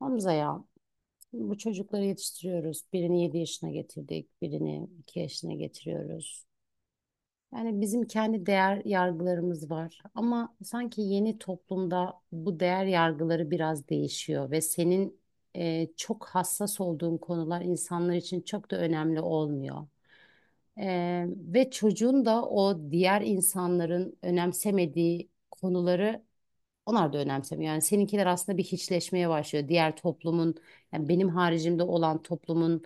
Hamza ya, bu çocukları yetiştiriyoruz. Birini 7 yaşına getirdik, birini 2 yaşına getiriyoruz. Yani bizim kendi değer yargılarımız var ama sanki yeni toplumda bu değer yargıları biraz değişiyor ve senin çok hassas olduğun konular insanlar için çok da önemli olmuyor. Ve çocuğun da o diğer insanların önemsemediği konuları onlar da önemsemiyor. Yani seninkiler aslında bir hiçleşmeye başlıyor. Diğer toplumun, yani benim haricimde olan toplumun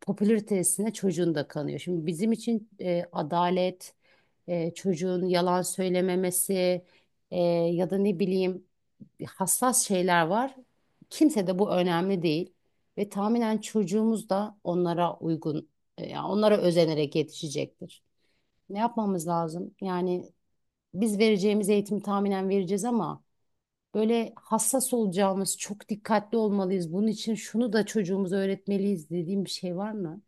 popülaritesine çocuğun da kanıyor. Şimdi bizim için adalet, çocuğun yalan söylememesi, ya da ne bileyim, hassas şeyler var. Kimse de bu önemli değil. Ve tahminen çocuğumuz da onlara uygun, yani onlara özenerek yetişecektir. Ne yapmamız lazım? Yani biz vereceğimiz eğitimi tahminen vereceğiz ama böyle hassas olacağımız, çok dikkatli olmalıyız. Bunun için şunu da çocuğumuza öğretmeliyiz dediğim bir şey var mı?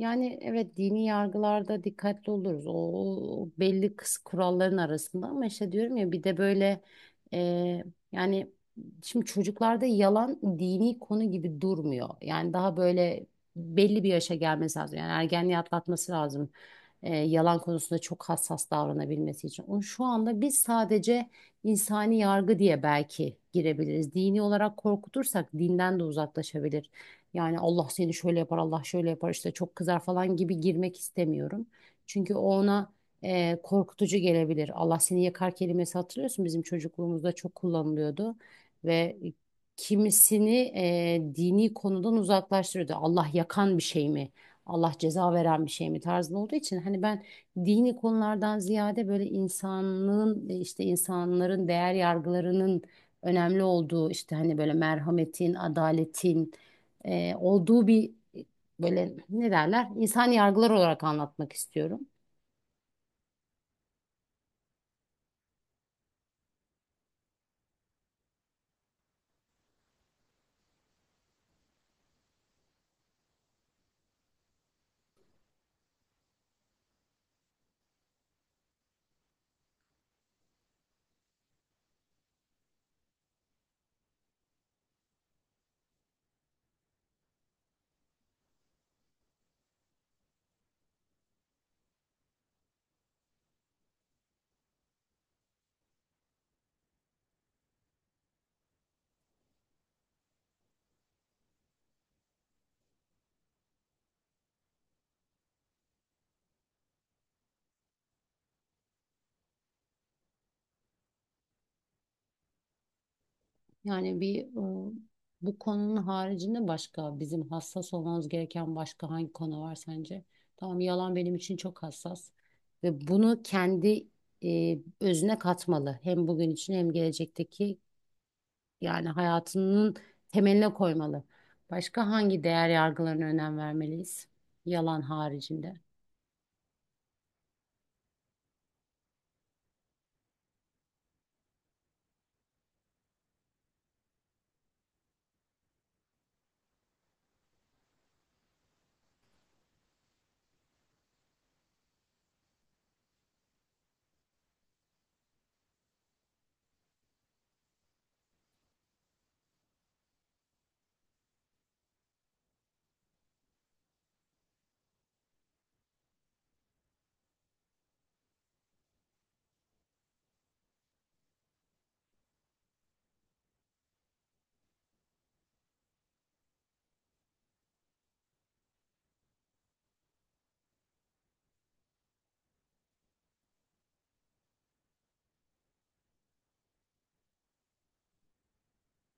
Yani evet, dini yargılarda dikkatli oluruz. O belli kıs kuralların arasında ama işte diyorum ya bir de böyle, e, yani şimdi çocuklarda yalan dini konu gibi durmuyor. Yani daha böyle belli bir yaşa gelmesi lazım. Yani ergenliği atlatması lazım. Yalan konusunda çok hassas davranabilmesi için. Onu şu anda biz sadece insani yargı diye belki girebiliriz. Dini olarak korkutursak dinden de uzaklaşabilir. Yani Allah seni şöyle yapar, Allah şöyle yapar işte çok kızar falan gibi girmek istemiyorum. Çünkü o ona korkutucu gelebilir. Allah seni yakar kelimesi, hatırlıyorsun, bizim çocukluğumuzda çok kullanılıyordu ve kimisini dini konudan uzaklaştırıyordu. Allah yakan bir şey mi? Allah ceza veren bir şey mi tarzında olduğu için, hani ben dini konulardan ziyade böyle insanlığın, işte insanların değer yargılarının önemli olduğu, işte hani böyle merhametin, adaletin olduğu bir, e, böyle ne derler, insan yargılar olarak anlatmak istiyorum. Yani bir, e, bu konunun haricinde başka bizim hassas olmamız gereken başka hangi konu var sence? Tamam, yalan benim için çok hassas ve bunu kendi özüne katmalı. Hem bugün için hem gelecekteki, yani hayatının temeline koymalı. Başka hangi değer yargılarına önem vermeliyiz? Yalan haricinde.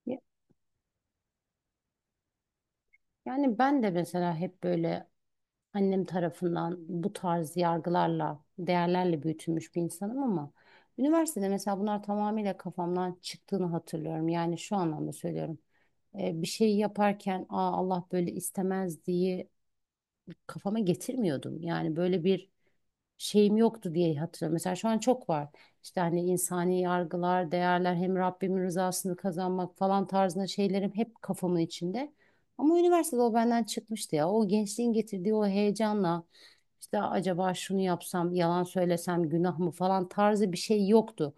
Ya- Yani ben de mesela hep böyle annem tarafından bu tarz yargılarla, değerlerle büyütülmüş bir insanım ama üniversitede mesela bunlar tamamıyla kafamdan çıktığını hatırlıyorum. Yani şu anlamda söylüyorum. Bir şeyi yaparken, aa, Allah böyle istemez diye kafama getirmiyordum. Yani böyle bir şeyim yoktu diye hatırlıyorum. Mesela şu an çok var. İşte hani insani yargılar, değerler, hem Rabbimin rızasını kazanmak falan tarzında şeylerim hep kafamın içinde. Ama üniversitede o benden çıkmıştı ya. O gençliğin getirdiği o heyecanla işte acaba şunu yapsam, yalan söylesem günah mı falan tarzı bir şey yoktu.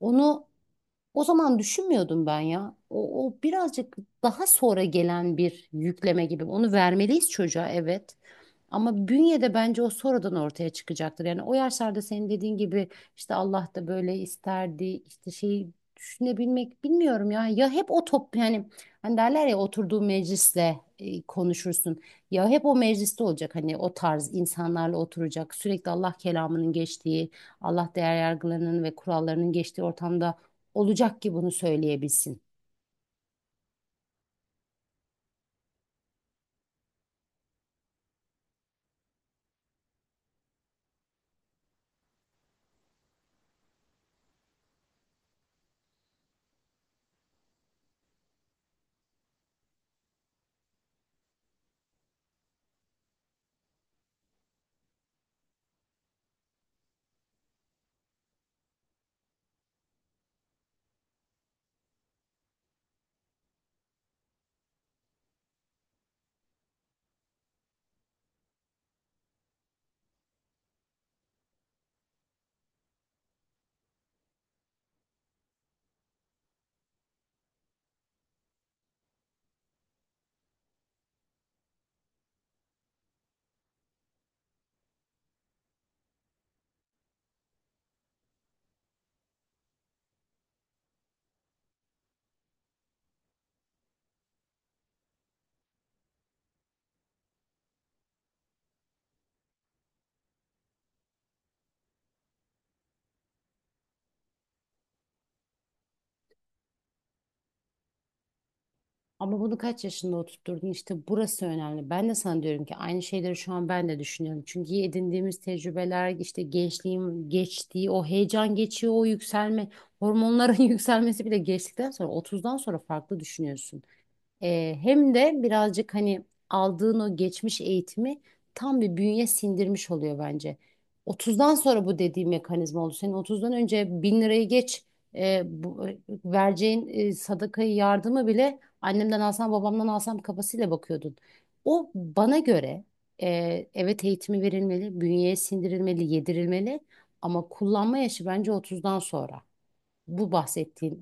Onu o zaman düşünmüyordum ben ya. O birazcık daha sonra gelen bir yükleme gibi. Onu vermeliyiz çocuğa, evet. Ama bünyede bence o sonradan ortaya çıkacaktır. Yani o yaşlarda senin dediğin gibi işte Allah da böyle isterdi işte şeyi düşünebilmek, bilmiyorum ya. Ya hep o top, yani hani derler ya, oturduğu meclisle konuşursun. Ya hep o mecliste olacak, hani o tarz insanlarla oturacak. Sürekli Allah kelamının geçtiği, Allah değer yargılarının ve kurallarının geçtiği ortamda olacak ki bunu söyleyebilsin. Ama bunu kaç yaşında oturtturdun, işte burası önemli. Ben de sana diyorum ki aynı şeyleri şu an ben de düşünüyorum. Çünkü edindiğimiz tecrübeler, işte gençliğim geçtiği o heyecan geçiyor, o yükselme hormonların yükselmesi bile geçtikten sonra 30'dan sonra farklı düşünüyorsun. Hem de birazcık hani aldığın o geçmiş eğitimi tam bir bünye sindirmiş oluyor bence. 30'dan sonra bu dediğim mekanizma oldu. Senin 30'dan önce 1000 lirayı geç, e, bu, vereceğin sadakayı, yardımı bile annemden alsam babamdan alsam kafasıyla bakıyordun. O bana göre, evet, eğitimi verilmeli, bünyeye sindirilmeli, yedirilmeli ama kullanma yaşı bence 30'dan sonra. Bu bahsettiğim.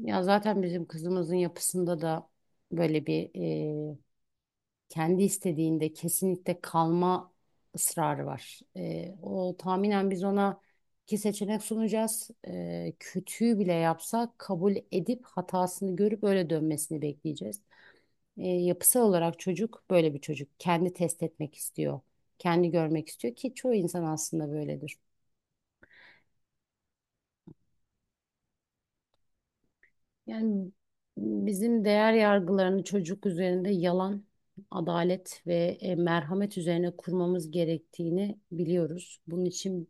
Ya zaten bizim kızımızın yapısında da böyle bir, e, kendi istediğinde kesinlikle kalma ısrarı var. E, o tahminen biz ona 2 seçenek sunacağız. E, kötüyü bile yapsa kabul edip hatasını görüp öyle dönmesini bekleyeceğiz. E, yapısal olarak çocuk böyle bir çocuk. Kendi test etmek istiyor. Kendi görmek istiyor ki çoğu insan aslında böyledir. Yani bizim değer yargılarını çocuk üzerinde yalan, adalet ve merhamet üzerine kurmamız gerektiğini biliyoruz. Bunun için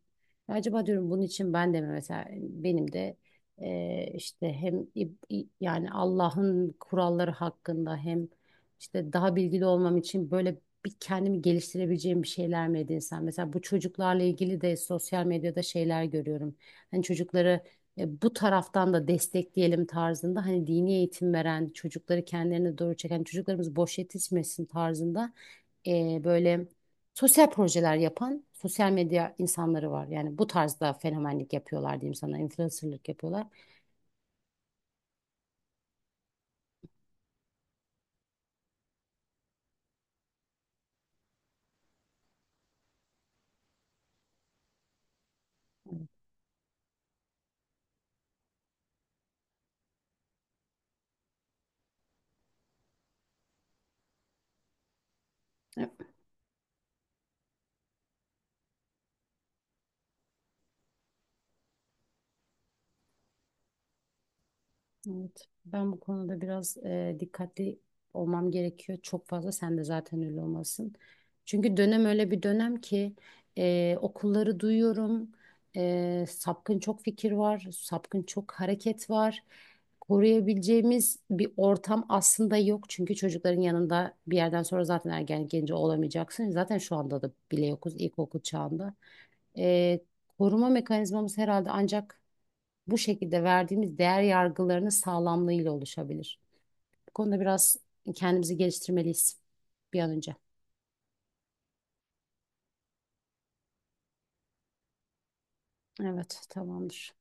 acaba diyorum, bunun için ben de mi, mesela benim de, işte hem yani Allah'ın kuralları hakkında, hem işte daha bilgili olmam için böyle bir kendimi geliştirebileceğim bir şeyler mi edinsem? Mesela bu çocuklarla ilgili de sosyal medyada şeyler görüyorum. Hani çocukları bu taraftan da destekleyelim tarzında, hani dini eğitim veren, çocukları kendilerine doğru çeken, çocuklarımız boş yetişmesin tarzında böyle sosyal projeler yapan sosyal medya insanları var. Yani bu tarzda fenomenlik yapıyorlar, diyeyim sana, influencerlık yapıyorlar. Evet, ben bu konuda biraz dikkatli olmam gerekiyor. Çok fazla, sen de zaten öyle olmasın. Çünkü dönem öyle bir dönem ki, okulları duyuyorum. E, sapkın çok fikir var, sapkın çok hareket var. Koruyabileceğimiz bir ortam aslında yok. Çünkü çocukların yanında bir yerden sonra zaten ergen genci olamayacaksın. Zaten şu anda da bile yokuz ilkokul çağında. E, Koruma mekanizmamız herhalde ancak bu şekilde verdiğimiz değer yargılarının sağlamlığıyla oluşabilir. Bu konuda biraz kendimizi geliştirmeliyiz bir an önce. Evet, tamamdır.